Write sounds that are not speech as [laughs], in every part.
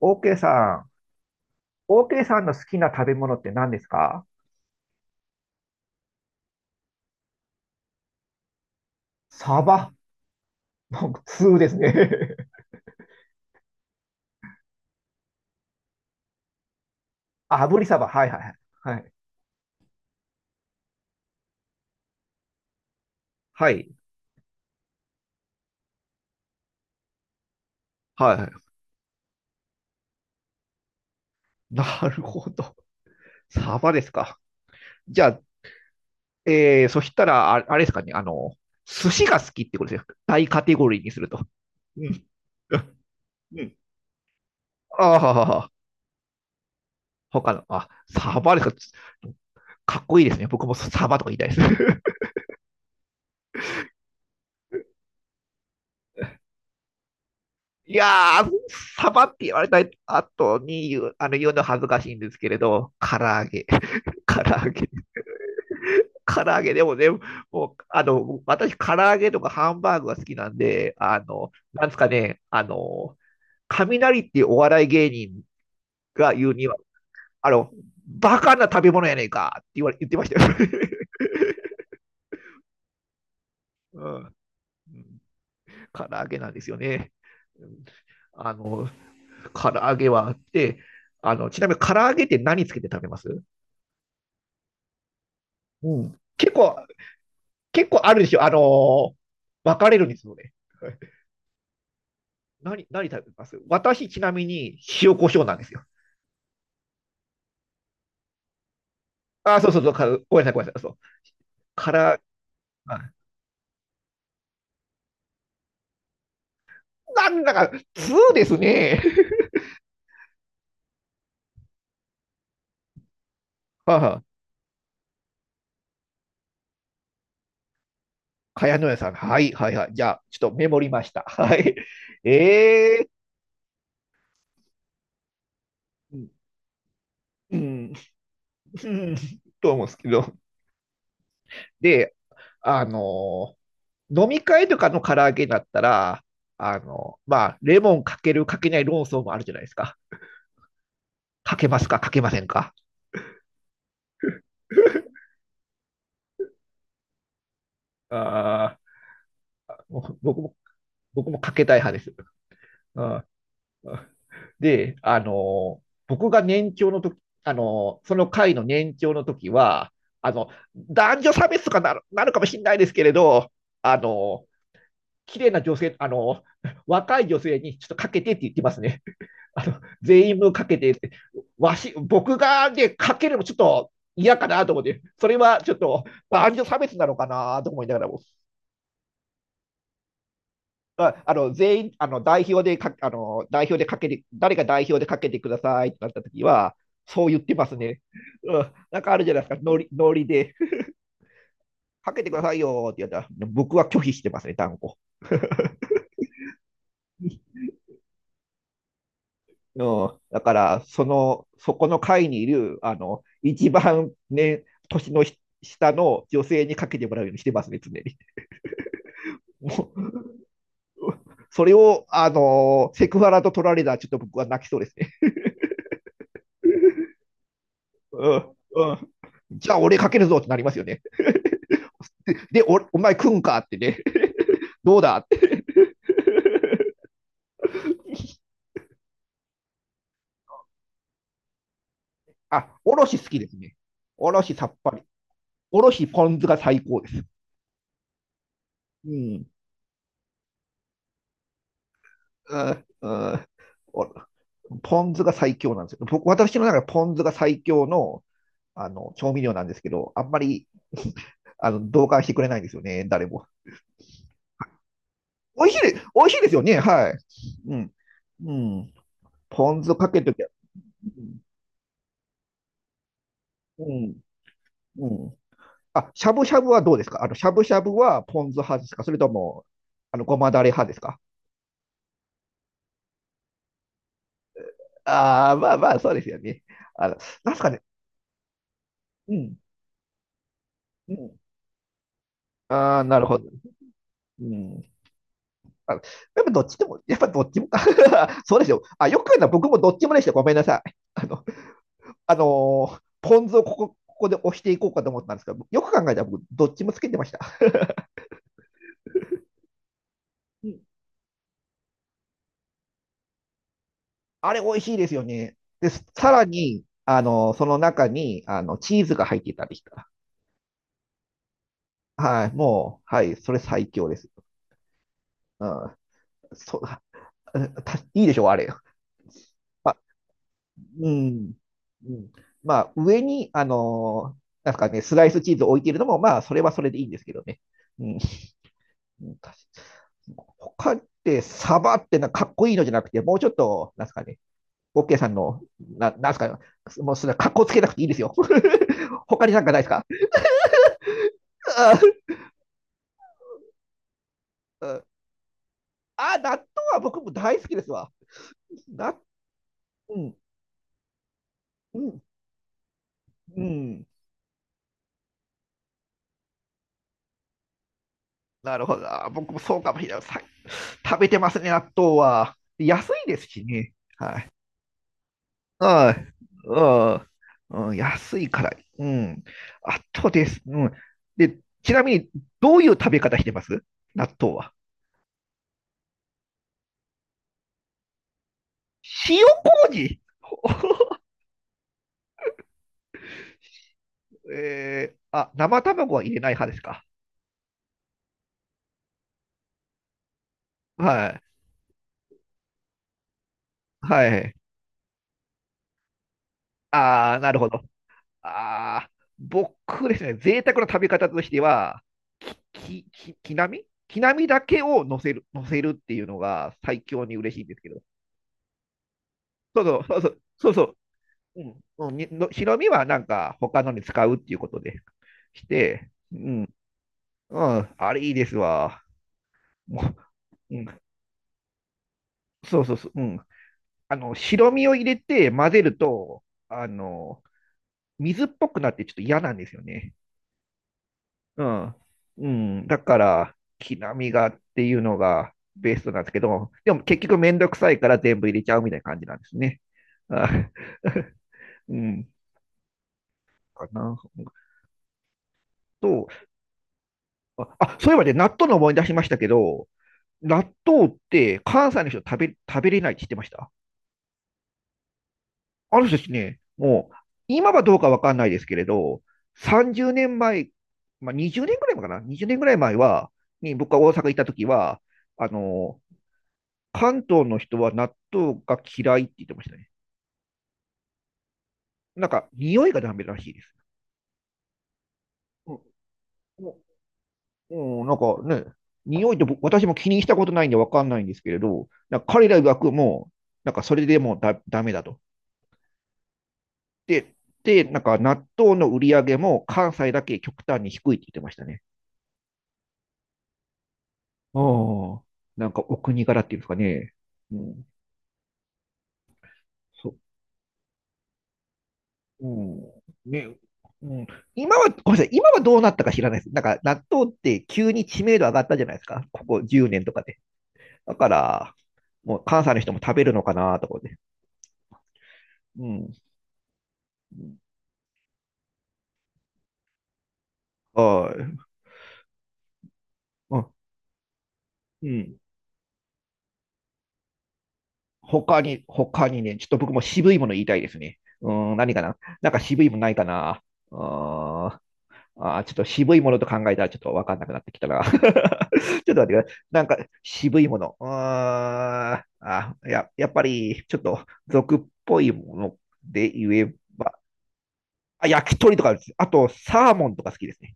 OK さOK さんの好きな食べ物って何ですか？サバ。[laughs] なんか通ですね。[laughs] あ、炙りサバ。はいはいはい。はい。はい。なるほど。サバですか。じゃあ、そしたら、あれですかね。寿司が好きってことですよ。大カテゴリーにすると。うん。うん。ああ、他の、あ、サバですか。かっこいいですね。僕もサバとか言いたいです。いやー、サバって言われた後に言う、言うの恥ずかしいんですけれど、唐揚げ、[laughs] 唐揚げ、唐揚げでもね、もう、私、唐揚げとかハンバーグが好きなんで、なんですかね、雷っていうお笑い芸人が言うには、あの、バカな食べ物やねんかって言われ、言ってましたよ。[laughs] うん。うん。唐揚げなんですよね。うん。あの、唐揚げはあって、あの、ちなみに唐揚げって何つけて食べます？うん。結構あるでしょ。分かれるんですよね。[laughs] 何食べます？私、ちなみに、塩コショウなんですよ。あー、そうそうそう、ごめんなさい、そう。から、あ、なんだか、2ですね。[laughs] はあはあ。かやのやさん。はい、はい、はい。じゃあ、ちょっとメモりました。はい。えー、うん、うん、[laughs] と思うんですけど。で、あのー飲み会とかの唐揚げだったら、まあ、レモンかけるかけない論争もあるじゃないですか。かけますか、かけませんか？ [laughs]。ああ、僕も、僕もかけたい派です。あ、で、あの、僕が年長の時、その会の年長の時は、あの、男女差別とかなるかもしれないですけれど、あの、綺麗な女性、あの、若い女性にちょっとかけてって言ってますね。全員分かけてって。僕がね、かけるのちょっと嫌かなと思って、それはちょっと男女差別なのかなと思いながらも、ああの全員あの代表でかあの代表でかけて、誰が代表でかけてくださいってなったときは、そう言ってますね、うん。なんかあるじゃないですか、ノリノリで、[laughs] かけてくださいよって言ったら、僕は拒否してますね、断固。うん、だから、その、そこの会にいる、一番ね、年の下の女性にかけてもらうようにしてますね、常に。もう、それを、セクハラと取られたら、ちょっと僕は泣きそうですね。うん、うん。じゃあ、俺かけるぞってなりますよね。で、お前食うんかってね、[laughs] どうだって。あ、おろし好きですね。おろしさっぱり。おろしポン酢が最高です。うん。うん。うん。お、ポン酢が最強なんですよ。私の中でポン酢が最強の調味料なんですけど、あんまり同感してくれないんですよね、誰も。美味しいですよね、はい。うん。うん。ポン酢かけるときは、うん。うん。うん。あ、しゃぶしゃぶはどうですか？あの、しゃぶしゃぶはポン酢派ですか、それとも、あの、ごまだれ派ですか？ああ、まあまあ、そうですよね。あの、なんすかね。うん。うん。ああ、なるほど。うん。あの、やっぱどっちもか。[laughs] そうですよ。あ、よく言うのは僕もどっちもでした。ごめんなさい。あの、あのーポン酢をここで押していこうかと思ったんですけど、よく考えたら僕、どっちもつけてました。[laughs] うん。あれ、美味しいですよね。で、さらに、その中に、チーズが入ってたりしたら。はい、もう、はい、それ最強です。うん。そう、あ、たいいでしょう、あれ。うん。うん。まあ、上に、なんすかね、スライスチーズを置いているのも、まあ、それはそれでいいんですけどね。うん。うん確か、他って、サバってなんかかっこいいのじゃなくて、もうちょっと、なんすかね、オッケーさんの、な、なんすかね、もうそれはかっこつけなくていいですよ。[laughs] 他になんかないですか？あ、[laughs] うん、あ、納豆は僕も大好きですわ。な、うん、うん、うん。なるほど。あ、僕もそうかもしれない。さ、食べてますね、納豆は。安いですしね。はい、うん、うん、安いから。うん。あとです。うん。で、ちなみに、どういう食べ方してます？納豆は。塩麹。 [laughs] えー、あ、生卵は入れない派ですか？はい。はい。ああ、なるほど。ああ、僕ですね、贅沢な食べ方としては、きなみ、きなみだけを乗せる、乗せるっていうのが最強に嬉しいんですけど。そうそう。うん、うん、にの白身はなんか他のに使うっていうことでして、うん、うん、あれいいですわ。もう、うん、そう、うん。あの、白身を入れて混ぜると、あの、水っぽくなってちょっと嫌なんですよね。うん。うん、だから、木並みがっていうのがベストなんですけど、でも結局めんどくさいから全部入れちゃうみたいな感じなんですね。あ [laughs] うん。かな。と、あ、あそういえばね、納豆の思い出しましたけど、納豆って関西の人食べれないって知ってました？あの人たちね、もう、今はどうかわかんないですけれど、30年前、まあ、20年ぐらい前かな？ 20 年ぐらい前は、に僕が大阪行った時は、あの、関東の人は納豆が嫌いって言ってましたね。なんか、匂いがダメらしいです。うん、うん、なんかね、匂いって私も気にしたことないんでわかんないんですけれど、なんか彼ら曰くもう、なんかそれでもうダメだと。で、で、なんか納豆の売り上げも関西だけ極端に低いって言ってましたね。あ、なんかお国柄っていうんですかね。うん、そう、うん、ね、うん。今は、ごめんなさい、今はどうなったか知らないです。なんか納豆って急に知名度上がったじゃないですか。ここ10年とかで。だから、もう関西の人も食べるのかなとかで。うん。はい。あ、うん。他にね、ちょっと僕も渋いもの言いたいですね。うん、何かな。なんか渋いものないかな。あーあ、ちょっと渋いものと考えたらちょっとわかんなくなってきたな。[laughs] ちょっと待ってください。なんか渋いもの。やっぱりちょっと俗っぽいもので言えば、あ、焼き鳥とかです。あとサーモンとか好きですね。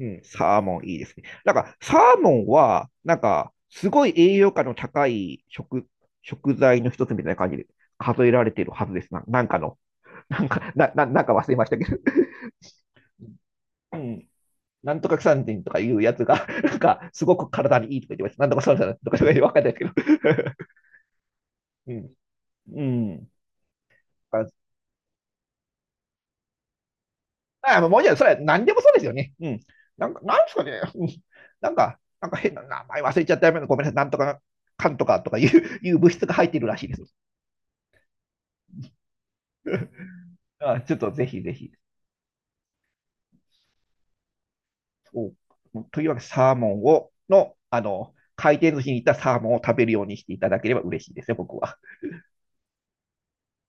うん、サーモンいいですね。なんかサーモンは、なんかすごい栄養価の高い食材の一つみたいな感じで数えられているはずですな。なんかの、なんか、な、な、なんか忘れましたけど。[laughs] うん、なんとか三人とかいうやつが、[laughs] なんか、すごく体にいいとか言ってました。なんとかそうなンとか言ってわかんないですけど。[laughs] うん。うん。あのもうじゃあそれは何でもそうですよね。うん。なんか、なんですかね。[laughs] なんか、なんか変な名前忘れちゃったよ。ごめんなさい。なんとか、かんとかとかいう、いう物質が入っているらしいです。あ、ちょっとぜひぜひ。そう、というわけで、サーモンを、の、あの、回転寿司に行ったサーモンを食べるようにしていただければ嬉しいですよ、僕は。